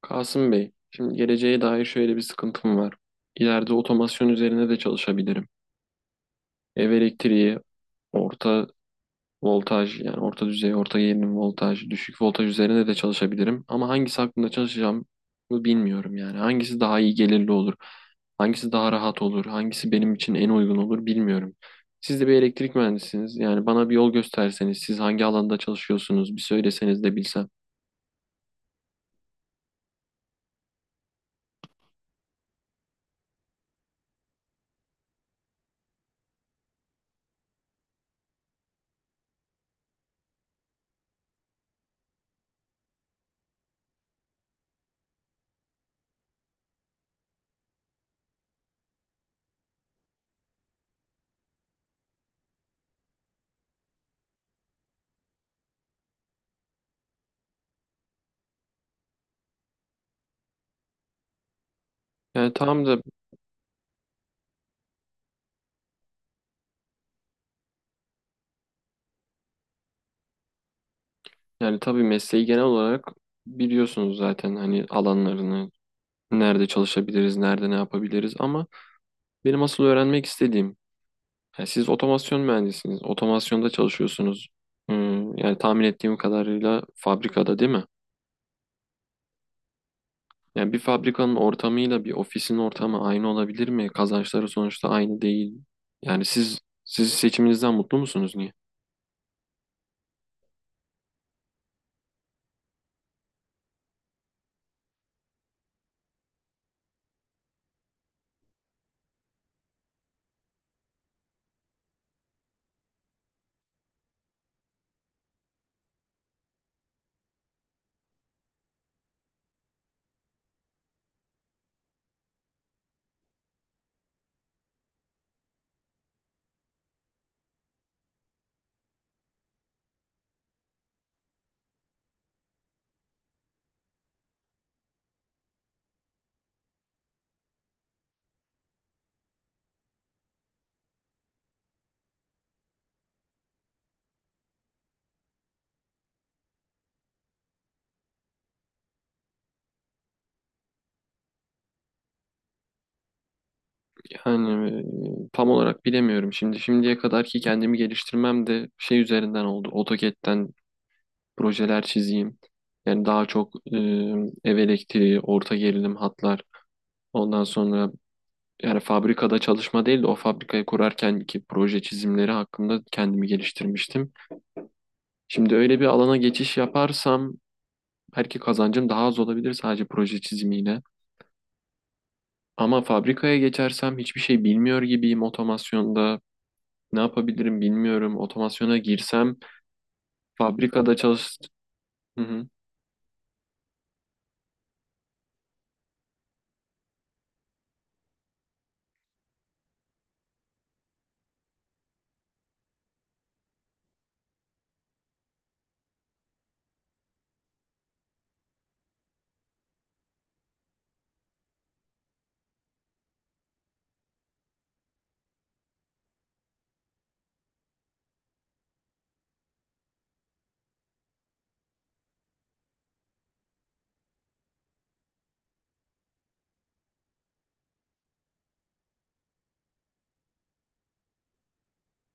Kasım Bey, şimdi geleceğe dair şöyle bir sıkıntım var. İleride otomasyon üzerine de çalışabilirim. Ev elektriği, orta voltaj yani orta düzey, orta gerilim voltaj, düşük voltaj üzerine de çalışabilirim. Ama hangisi hakkında çalışacağım bilmiyorum yani. Hangisi daha iyi gelirli olur, hangisi daha rahat olur, hangisi benim için en uygun olur bilmiyorum. Siz de bir elektrik mühendisiniz. Yani bana bir yol gösterseniz, siz hangi alanda çalışıyorsunuz bir söyleseniz de bilsem. Yani tamam da. Yani tabii mesleği genel olarak biliyorsunuz zaten hani alanlarını, nerede çalışabiliriz, nerede ne yapabiliriz ama benim asıl öğrenmek istediğim, yani siz otomasyon mühendisiniz, otomasyonda çalışıyorsunuz. Hmm, yani tahmin ettiğim kadarıyla fabrikada değil mi? Yani bir fabrikanın ortamıyla bir ofisin ortamı aynı olabilir mi? Kazançları sonuçta aynı değil. Yani siz seçiminizden mutlu musunuz niye? Yani tam olarak bilemiyorum. Şimdi şimdiye kadar ki kendimi geliştirmem de şey üzerinden oldu. AutoCAD'den projeler çizeyim. Yani daha çok ev elektriği, orta gerilim hatlar. Ondan sonra yani fabrikada çalışma değil de o fabrikayı kurarken ki proje çizimleri hakkında kendimi geliştirmiştim. Şimdi öyle bir alana geçiş yaparsam belki kazancım daha az olabilir sadece proje çizimiyle. Ama fabrikaya geçersem hiçbir şey bilmiyor gibiyim otomasyonda. Ne yapabilirim bilmiyorum. Otomasyona girsem fabrikada çalış... Hı hı.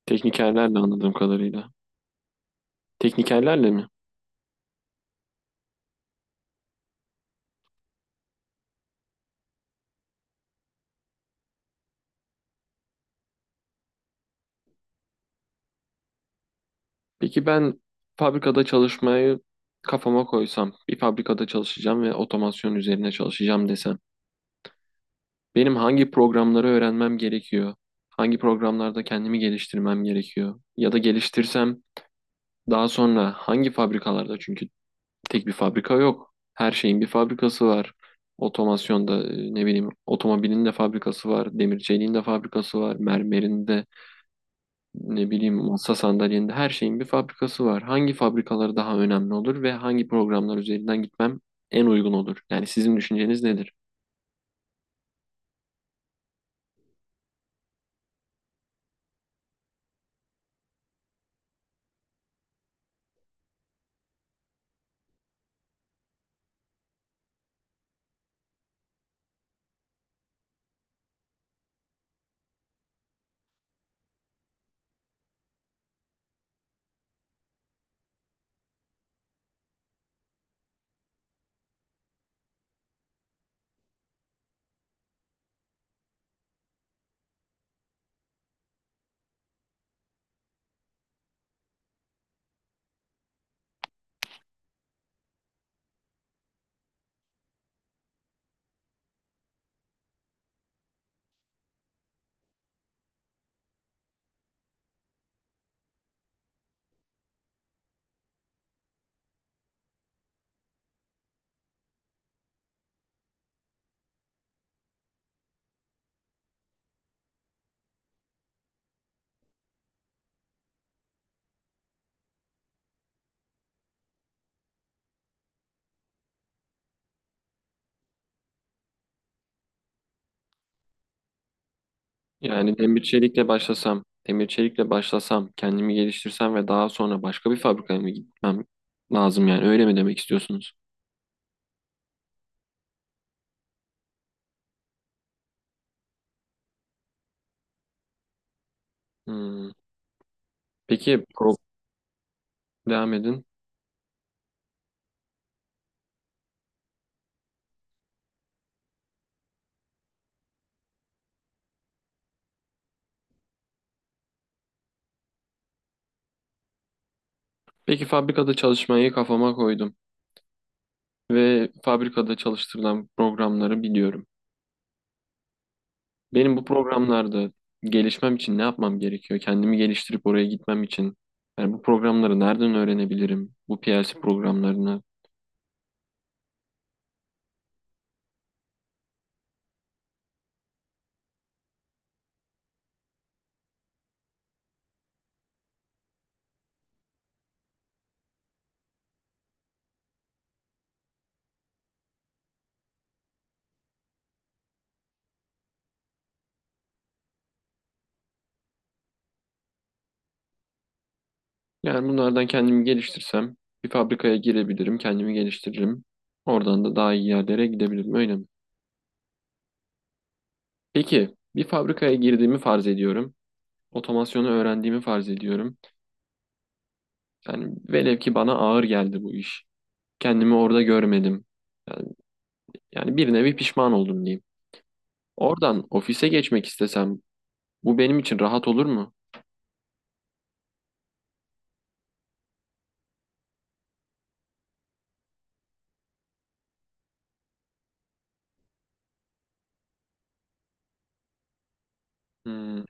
Teknikerlerle anladığım kadarıyla. Teknikerlerle mi? Peki ben fabrikada çalışmayı kafama koysam, bir fabrikada çalışacağım ve otomasyon üzerine çalışacağım desem, benim hangi programları öğrenmem gerekiyor? Hangi programlarda kendimi geliştirmem gerekiyor? Ya da geliştirsem daha sonra hangi fabrikalarda? Çünkü tek bir fabrika yok. Her şeyin bir fabrikası var. Otomasyonda ne bileyim otomobilin de fabrikası var, demir çeliğin de fabrikası var, mermerin de ne bileyim masa sandalyende her şeyin bir fabrikası var. Hangi fabrikaları daha önemli olur ve hangi programlar üzerinden gitmem en uygun olur? Yani sizin düşünceniz nedir? Yani demir çelikle başlasam, demir çelikle başlasam, kendimi geliştirsem ve daha sonra başka bir fabrikaya mı gitmem lazım yani öyle mi demek istiyorsunuz? Hmm. Peki devam edin. Peki fabrikada çalışmayı kafama koydum ve fabrikada çalıştırılan programları biliyorum. Benim bu programlarda gelişmem için ne yapmam gerekiyor? Kendimi geliştirip oraya gitmem için. Yani bu programları nereden öğrenebilirim? Bu PLC programlarını. Yani bunlardan kendimi geliştirsem bir fabrikaya girebilirim, kendimi geliştiririm. Oradan da daha iyi yerlere gidebilirim, öyle mi? Peki bir fabrikaya girdiğimi farz ediyorum. Otomasyonu öğrendiğimi farz ediyorum. Yani velev ki bana ağır geldi bu iş. Kendimi orada görmedim. Yani, yani bir nevi pişman oldum diyeyim. Oradan ofise geçmek istesem bu benim için rahat olur mu? Hmm,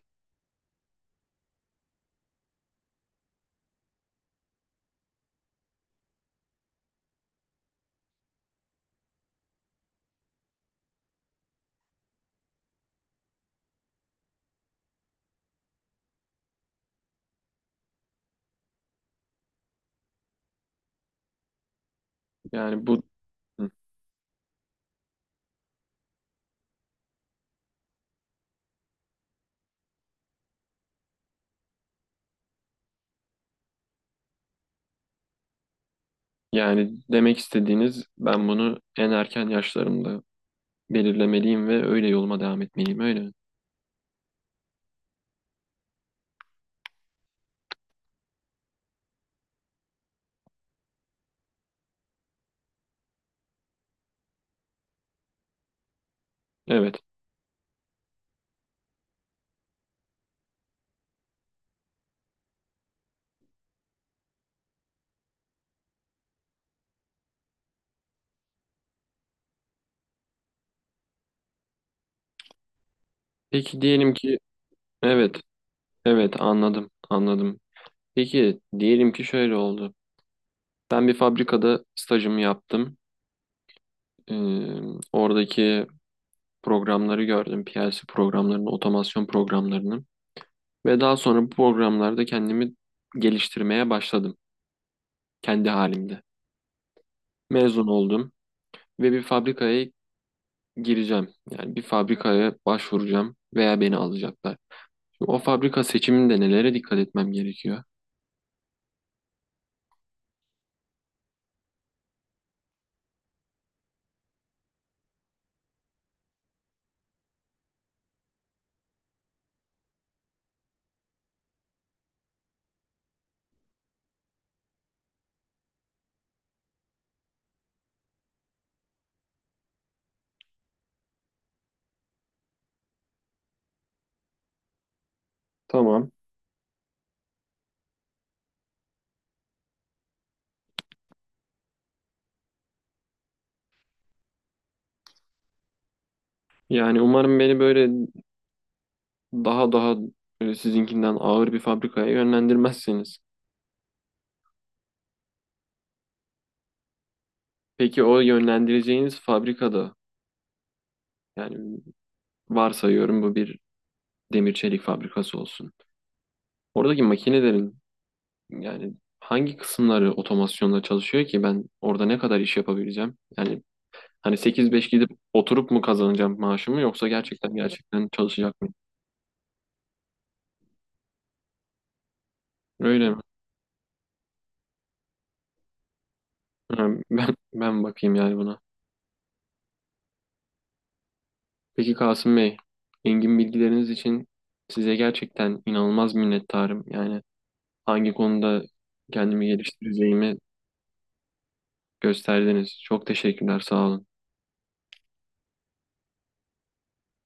yani bu hmm. Yani demek istediğiniz ben bunu en erken yaşlarımda belirlemeliyim ve öyle yoluma devam etmeliyim öyle mi? Evet. Peki diyelim ki evet, evet, anladım, anladım. Peki diyelim ki şöyle oldu. Ben bir fabrikada stajımı yaptım. Ee, oradaki programları gördüm. PLC programlarını, otomasyon programlarını ve daha sonra bu programlarda kendimi geliştirmeye başladım kendi halimde. Mezun oldum. Ve bir fabrikaya gireceğim. Yani bir fabrikaya başvuracağım veya beni alacaklar. Şimdi o fabrika seçiminde nelere dikkat etmem gerekiyor? Tamam. Yani umarım beni böyle daha böyle sizinkinden ağır bir fabrikaya yönlendirmezsiniz. Peki o yönlendireceğiniz fabrikada yani varsayıyorum bu bir demir çelik fabrikası olsun. Oradaki makinelerin yani hangi kısımları otomasyonla çalışıyor ki ben orada ne kadar iş yapabileceğim? Yani hani 8-5 gidip oturup mu kazanacağım maaşımı yoksa gerçekten çalışacak mıyım? Öyle mi? Ha, ben bakayım yani buna. Peki Kasım Bey, engin bilgileriniz için size gerçekten inanılmaz minnettarım. Yani hangi konuda kendimi geliştireceğimi gösterdiniz. Çok teşekkürler, sağ olun.